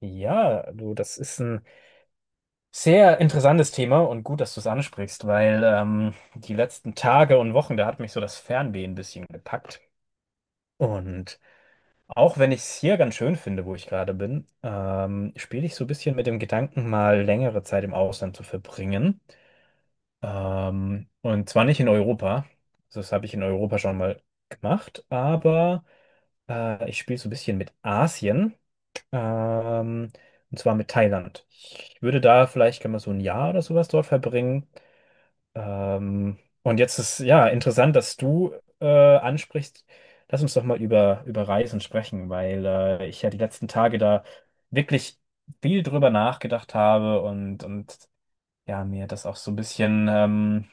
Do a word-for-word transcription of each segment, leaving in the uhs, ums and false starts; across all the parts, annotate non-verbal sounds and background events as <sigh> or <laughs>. Ja, du, das ist ein sehr interessantes Thema und gut, dass du es ansprichst, weil ähm, die letzten Tage und Wochen, da hat mich so das Fernweh ein bisschen gepackt. Und auch wenn ich es hier ganz schön finde, wo ich gerade bin, ähm, spiele ich so ein bisschen mit dem Gedanken, mal längere Zeit im Ausland zu verbringen. Ähm, und zwar nicht in Europa. Also das habe ich in Europa schon mal gemacht, aber äh, ich spiele so ein bisschen mit Asien. Ähm, und zwar mit Thailand. Ich würde da vielleicht gerne mal so ein Jahr oder sowas dort verbringen. Ähm, und jetzt ist ja interessant, dass du äh, ansprichst. Lass uns doch mal über, über Reisen sprechen, weil äh, ich ja die letzten Tage da wirklich viel drüber nachgedacht habe und, und ja, mir das auch so ein bisschen ähm,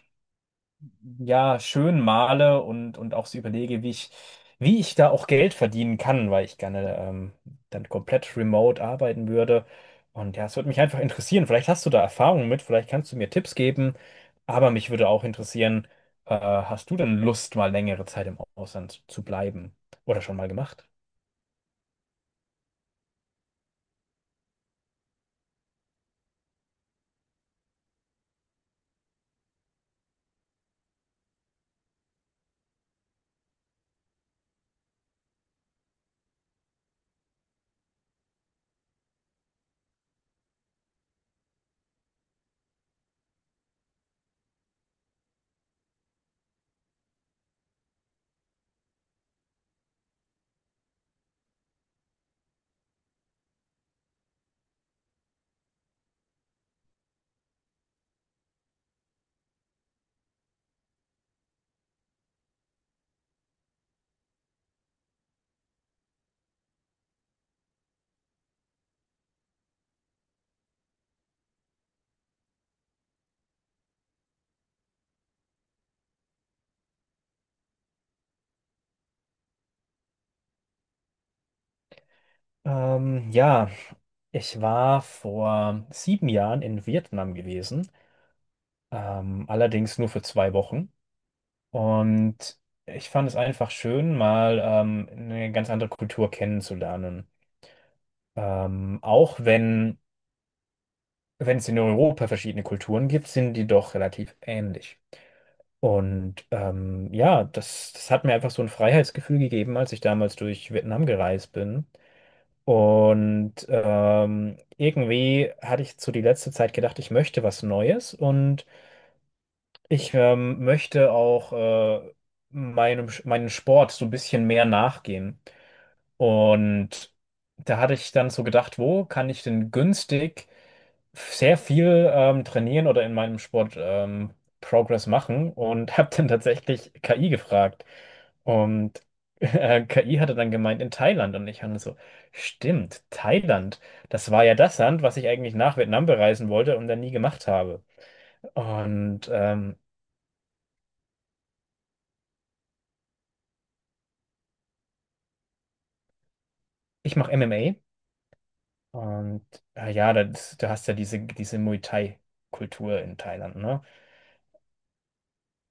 ja, schön male und, und auch so überlege, wie ich, wie ich da auch Geld verdienen kann, weil ich gerne ähm, dann komplett remote arbeiten würde. Und ja, es würde mich einfach interessieren. Vielleicht hast du da Erfahrungen mit, vielleicht kannst du mir Tipps geben, aber mich würde auch interessieren, äh, hast du denn Lust, mal längere Zeit im Ausland zu bleiben? Oder schon mal gemacht? Ähm, ja, ich war vor sieben Jahren in Vietnam gewesen, ähm, allerdings nur für zwei Wochen. Und ich fand es einfach schön, mal ähm, eine ganz andere Kultur kennenzulernen. Ähm, auch wenn, wenn es in Europa verschiedene Kulturen gibt, sind die doch relativ ähnlich. Und ähm, ja, das, das hat mir einfach so ein Freiheitsgefühl gegeben, als ich damals durch Vietnam gereist bin. Und ähm, irgendwie hatte ich zu die letzte Zeit gedacht, ich möchte was Neues und ich ähm, möchte auch äh, meinem, meinem Sport so ein bisschen mehr nachgehen. Und da hatte ich dann so gedacht, wo kann ich denn günstig sehr viel ähm, trainieren oder in meinem Sport ähm, Progress machen und <laughs> habe dann tatsächlich K I gefragt. Und äh, K I hatte dann gemeint in Thailand und ich habe so, stimmt, Thailand, das war ja das Land, was ich eigentlich nach Vietnam bereisen wollte und dann nie gemacht habe. Und ähm, ich mache M M A und äh, ja, das, du hast ja diese, diese Muay Thai-Kultur in Thailand, ne?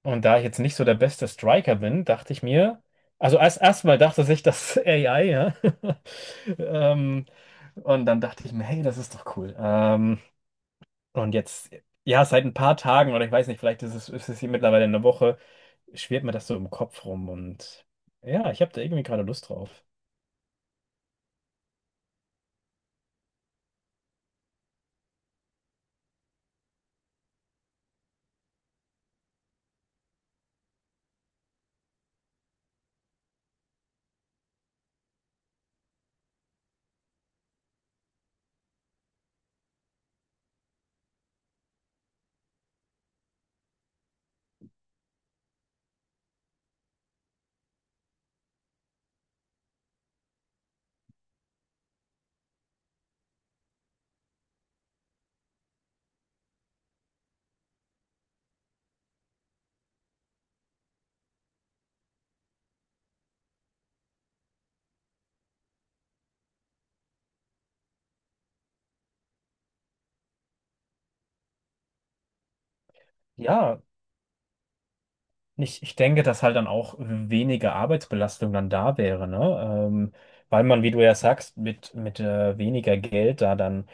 Und da ich jetzt nicht so der beste Striker bin, dachte ich mir, also erst erstmal dachte sich das <laughs> A I, ja. <laughs> ähm, und dann dachte ich mir, hey, das ist doch cool. Ähm, und jetzt, ja, seit ein paar Tagen oder ich weiß nicht, vielleicht ist es, ist es hier mittlerweile eine Woche, schwirrt mir das so im Kopf rum und ja, ich habe da irgendwie gerade Lust drauf. Ja, ich, ich denke, dass halt dann auch weniger Arbeitsbelastung dann da wäre, ne? Ähm, weil man, wie du ja sagst, mit, mit äh, weniger Geld da dann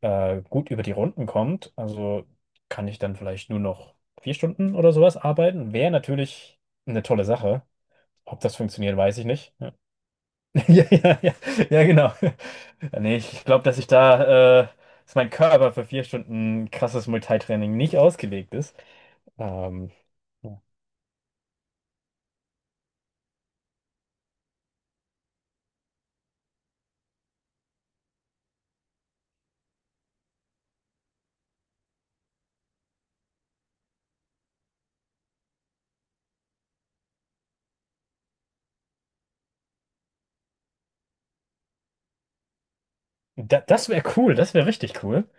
äh, gut über die Runden kommt, also kann ich dann vielleicht nur noch vier Stunden oder sowas arbeiten. Wäre natürlich eine tolle Sache. Ob das funktioniert, weiß ich nicht. Ja, <laughs> ja, ja, ja, ja, genau. <laughs> Nee, ich glaube, dass ich da, äh, dass mein Körper für vier Stunden krasses Multitraining nicht ausgelegt ist. Ähm, ja. Da, das wäre cool, das wäre richtig cool.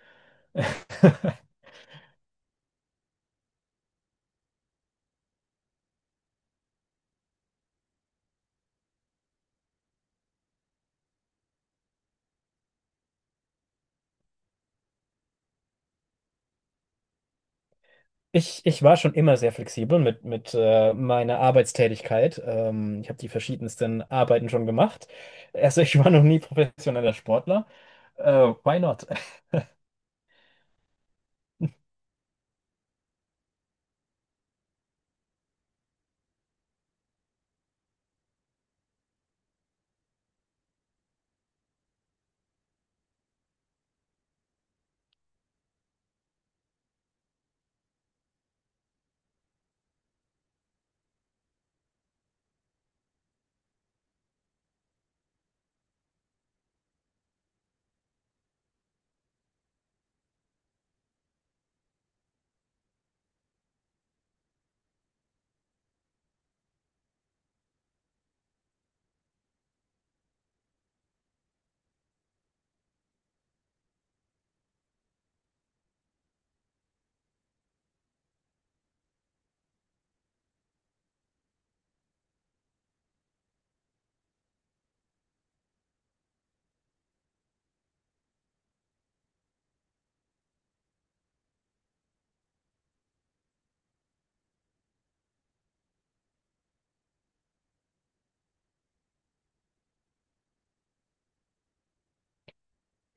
Ich, ich war schon immer sehr flexibel mit, mit äh, meiner Arbeitstätigkeit. Ähm, ich habe die verschiedensten Arbeiten schon gemacht. Also ich war noch nie professioneller Sportler. Äh, why not?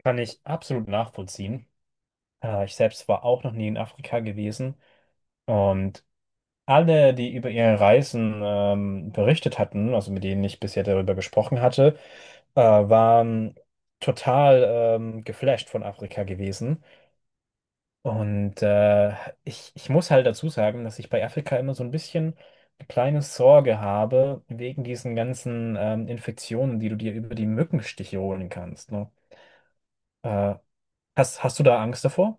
Kann ich absolut nachvollziehen. Äh, ich selbst war auch noch nie in Afrika gewesen. Und alle, die über ihre Reisen ähm, berichtet hatten, also mit denen ich bisher darüber gesprochen hatte, äh, waren total ähm, geflasht von Afrika gewesen. Und äh, ich, ich muss halt dazu sagen, dass ich bei Afrika immer so ein bisschen eine kleine Sorge habe, wegen diesen ganzen ähm, Infektionen, die du dir über die Mückenstiche holen kannst. Ne? Äh, hast, hast du da Angst davor?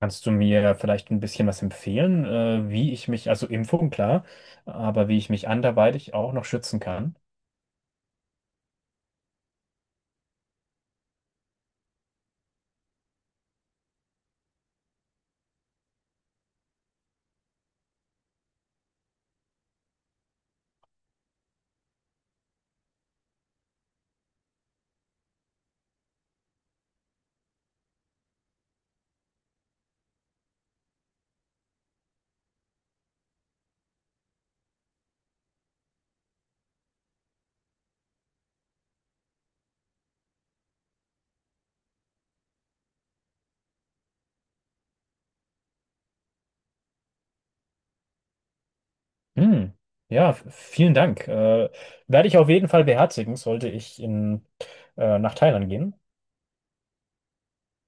Kannst du mir vielleicht ein bisschen was empfehlen, äh, wie ich mich, also Impfung, klar, aber wie ich mich anderweitig auch noch schützen kann? Hm. Ja, f- vielen Dank. Äh, werde ich auf jeden Fall beherzigen, sollte ich in, äh, nach Thailand gehen.